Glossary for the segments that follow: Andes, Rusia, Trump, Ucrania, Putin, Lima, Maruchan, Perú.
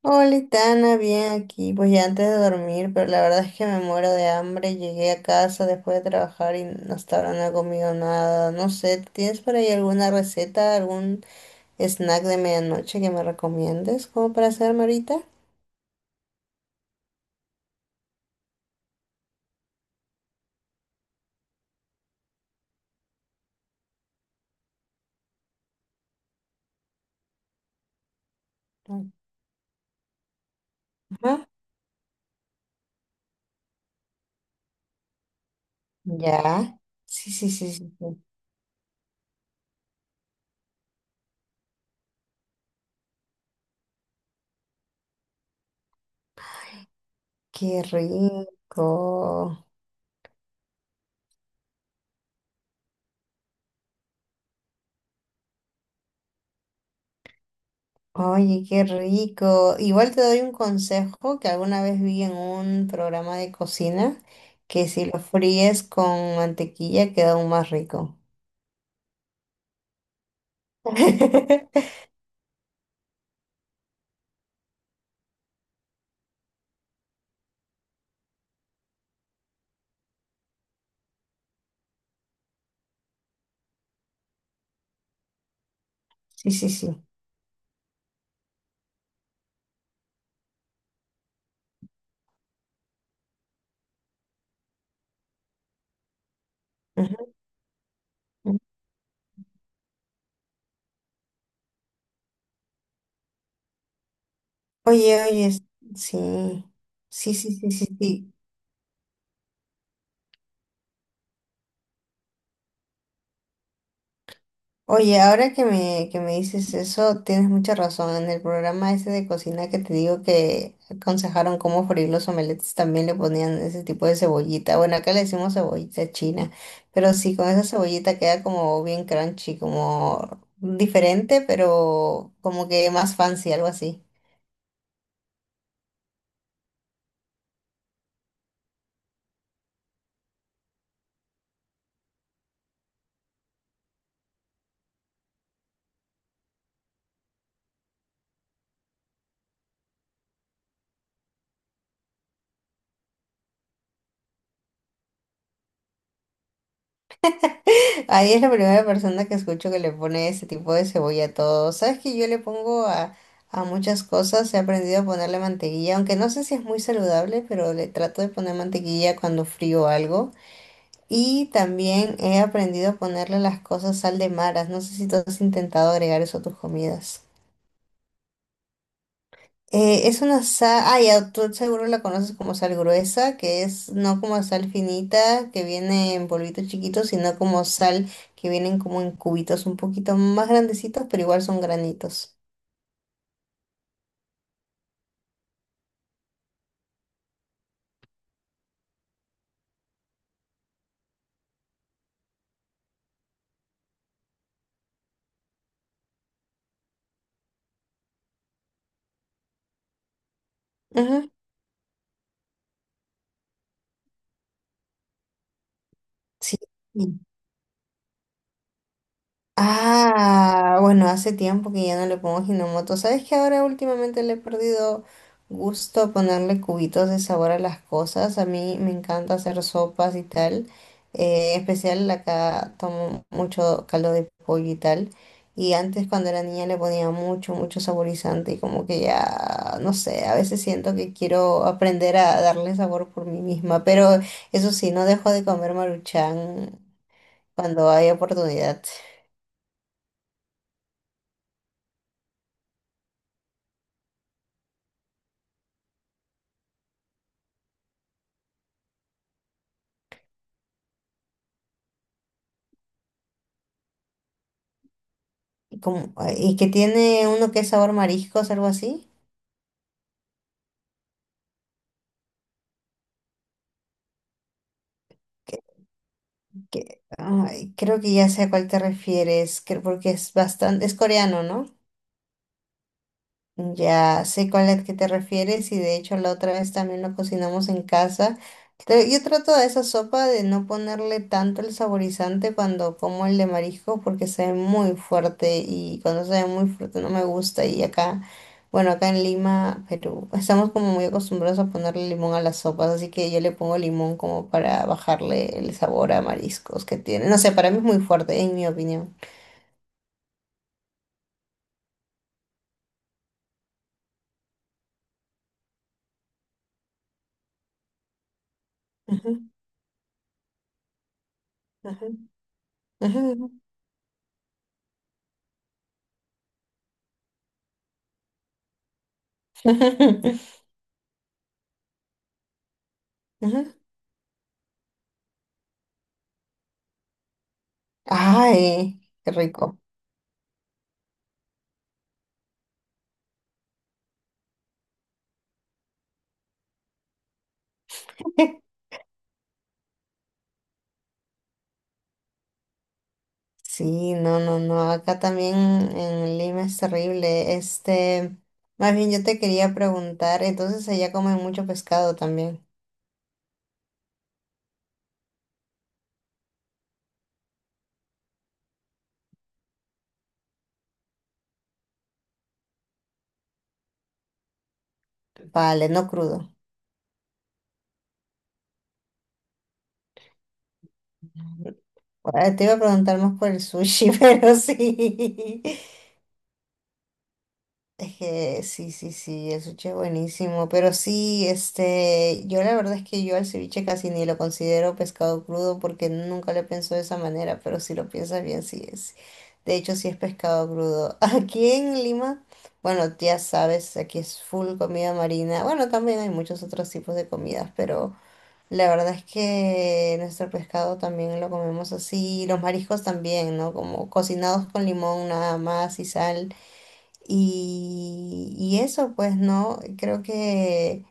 Hola, Tana, bien aquí. Pues ya antes de dormir, pero la verdad es que me muero de hambre. Llegué a casa después de trabajar y hasta ahora no he comido nada. No sé, ¿tienes por ahí alguna receta, algún snack de medianoche que me recomiendes como para hacerme ahorita? Ajá. Ya. Sí, sí, sí, sí, sí. Qué rico. Oye, qué rico. Igual te doy un consejo que alguna vez vi en un programa de cocina, que si lo fríes con mantequilla queda aún más rico. Sí, sí, sí. Ujú. Oye, oye, sí. Sí, sí, sí, sí, sí. Oye, ahora que me dices eso, tienes mucha razón. En el programa ese de cocina que te digo que aconsejaron cómo freír los omeletes, también le ponían ese tipo de cebollita. Bueno, acá le decimos cebollita china, pero sí, con esa cebollita queda como bien crunchy, como diferente, pero como que más fancy, algo así. Ahí es la primera persona que escucho que le pone ese tipo de cebolla a todo. Sabes que yo le pongo a muchas cosas, he aprendido a ponerle mantequilla, aunque no sé si es muy saludable, pero le trato de poner mantequilla cuando frío algo. Y también he aprendido a ponerle a las cosas sal de maras. No sé si tú has intentado agregar eso a tus comidas. Es una sal, ah, ya, tú seguro la conoces como sal gruesa, que es no como sal finita, que viene en polvitos chiquitos, sino como sal que vienen como en cubitos un poquito más grandecitos, pero igual son granitos. Ujú. Sí. Ah, bueno, hace tiempo que ya no le pongo ginomoto. ¿Sabes que ahora últimamente le he perdido gusto a ponerle cubitos de sabor a las cosas? A mí me encanta hacer sopas y tal. En especial acá tomo mucho caldo de pollo y tal. Y antes cuando era niña le ponía mucho, mucho saborizante y como que ya, no sé, a veces siento que quiero aprender a darle sabor por mí misma. Pero eso sí, no dejo de comer Maruchan cuando hay oportunidad. Como y que tiene uno que es sabor mariscos, algo así. Que, ay, creo que ya sé a cuál te refieres, porque es bastante, es coreano, ¿no? Ya sé cuál es que te refieres y de hecho la otra vez también lo cocinamos en casa. Yo trato a esa sopa de no ponerle tanto el saborizante cuando como el de marisco porque se ve muy fuerte y cuando se ve muy fuerte no me gusta y acá, bueno, acá en Lima, Perú, estamos como muy acostumbrados a ponerle limón a las sopas, así que yo le pongo limón como para bajarle el sabor a mariscos que tiene. No sé, para mí es muy fuerte, en mi opinión. Ujú, ujú, ujú, ujú, ujú. Ay, qué rico. Sí, no, no, no. Acá también en Lima es terrible. Este, más bien yo te quería preguntar, entonces allá comen mucho pescado también. Vale, no crudo. Te iba a preguntar más por el sushi, pero sí. Es que sí, sí, sí, el ceviche es buenísimo, pero sí, este, yo la verdad es que yo al ceviche casi ni lo considero pescado crudo porque nunca lo pienso de esa manera, pero si lo piensas bien, sí es. De hecho, sí es pescado crudo. Aquí en Lima, bueno, ya sabes, aquí es full comida marina. Bueno, también hay muchos otros tipos de comidas, pero la verdad es que nuestro pescado también lo comemos así, los mariscos también, ¿no? Como cocinados con limón nada más y sal. Y eso, pues no, creo que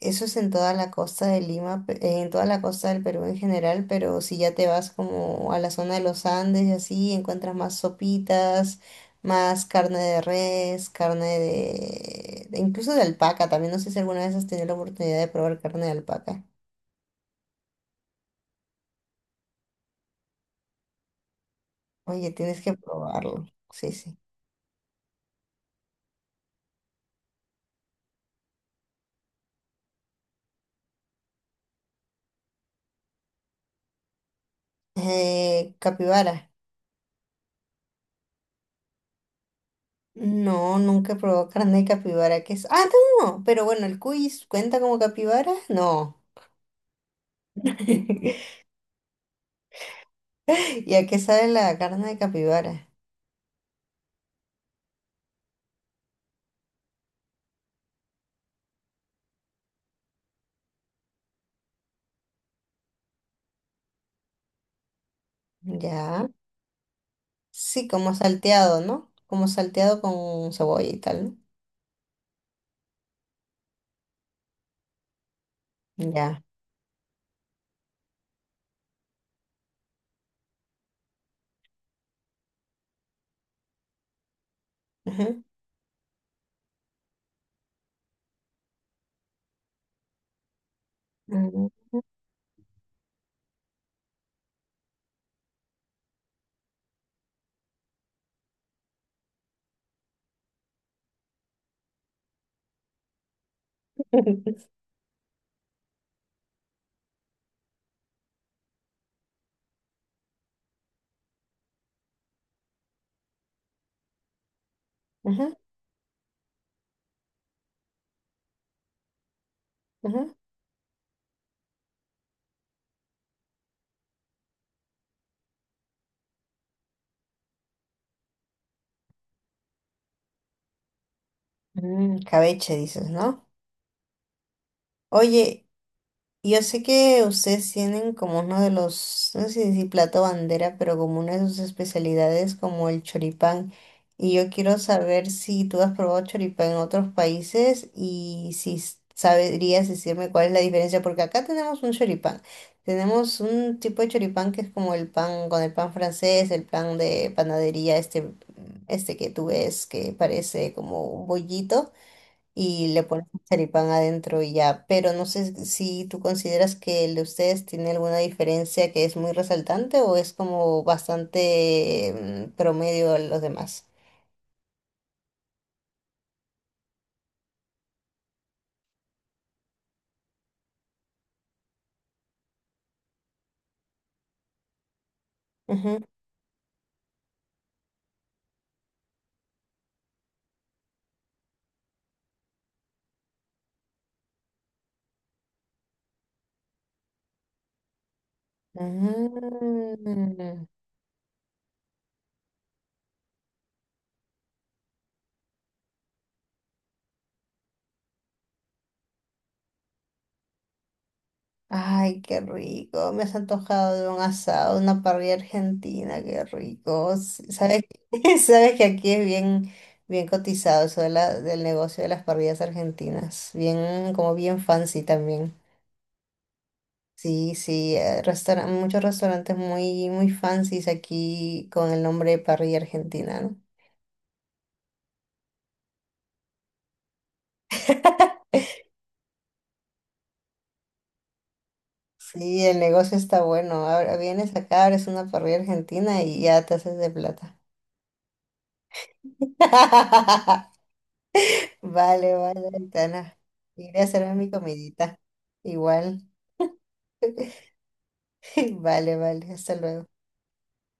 eso es en toda la costa de Lima, en toda la costa del Perú en general, pero si ya te vas como a la zona de los Andes y así, encuentras más sopitas, más carne de res, carne incluso de alpaca, también no sé si alguna vez has tenido la oportunidad de probar carne de alpaca. Oye, tienes que probarlo, sí, sí. Capibara. No, nunca he probado carne de capibara, que es... Ah, no, pero bueno, el cuis cuenta como capibara, no. ¿Y a qué sabe la carne de capibara? Ya. Sí, como salteado, ¿no? Como salteado con cebolla y tal, ¿no? Ya. Ujú. Mm. Ujú, ujú. Mm, Cabeche, dices, ¿no? Oye, yo sé que ustedes tienen como uno de los, no sé si plato bandera, pero como una de sus especialidades como el choripán. Y yo quiero saber si tú has probado choripán en otros países y si sabrías decirme cuál es la diferencia, porque acá tenemos un choripán. Tenemos un tipo de choripán que es como el pan, con el pan francés, el pan de panadería, este que tú ves que parece como un bollito y le pones un charipán adentro y ya. Pero no sé si tú consideras que el de ustedes tiene alguna diferencia que es muy resaltante o es como bastante promedio a los demás. Ujú. Mm. Ay, qué rico. Me has antojado de un asado, una parrilla argentina, qué rico. Sabes, sabes que aquí es bien, bien cotizado eso de del negocio de las parrillas argentinas. Bien, como bien fancy también. Sí, sí, muchos restaurantes muy, muy fancies aquí con el nombre de parrilla argentina, ¿no? Sí, el negocio está bueno. Ahora vienes acá, abres una parrilla argentina y ya te haces de plata. Vale, vale, Aitana. Iré a hacerme mi comidita. Igual. Vale, vale. Hasta luego.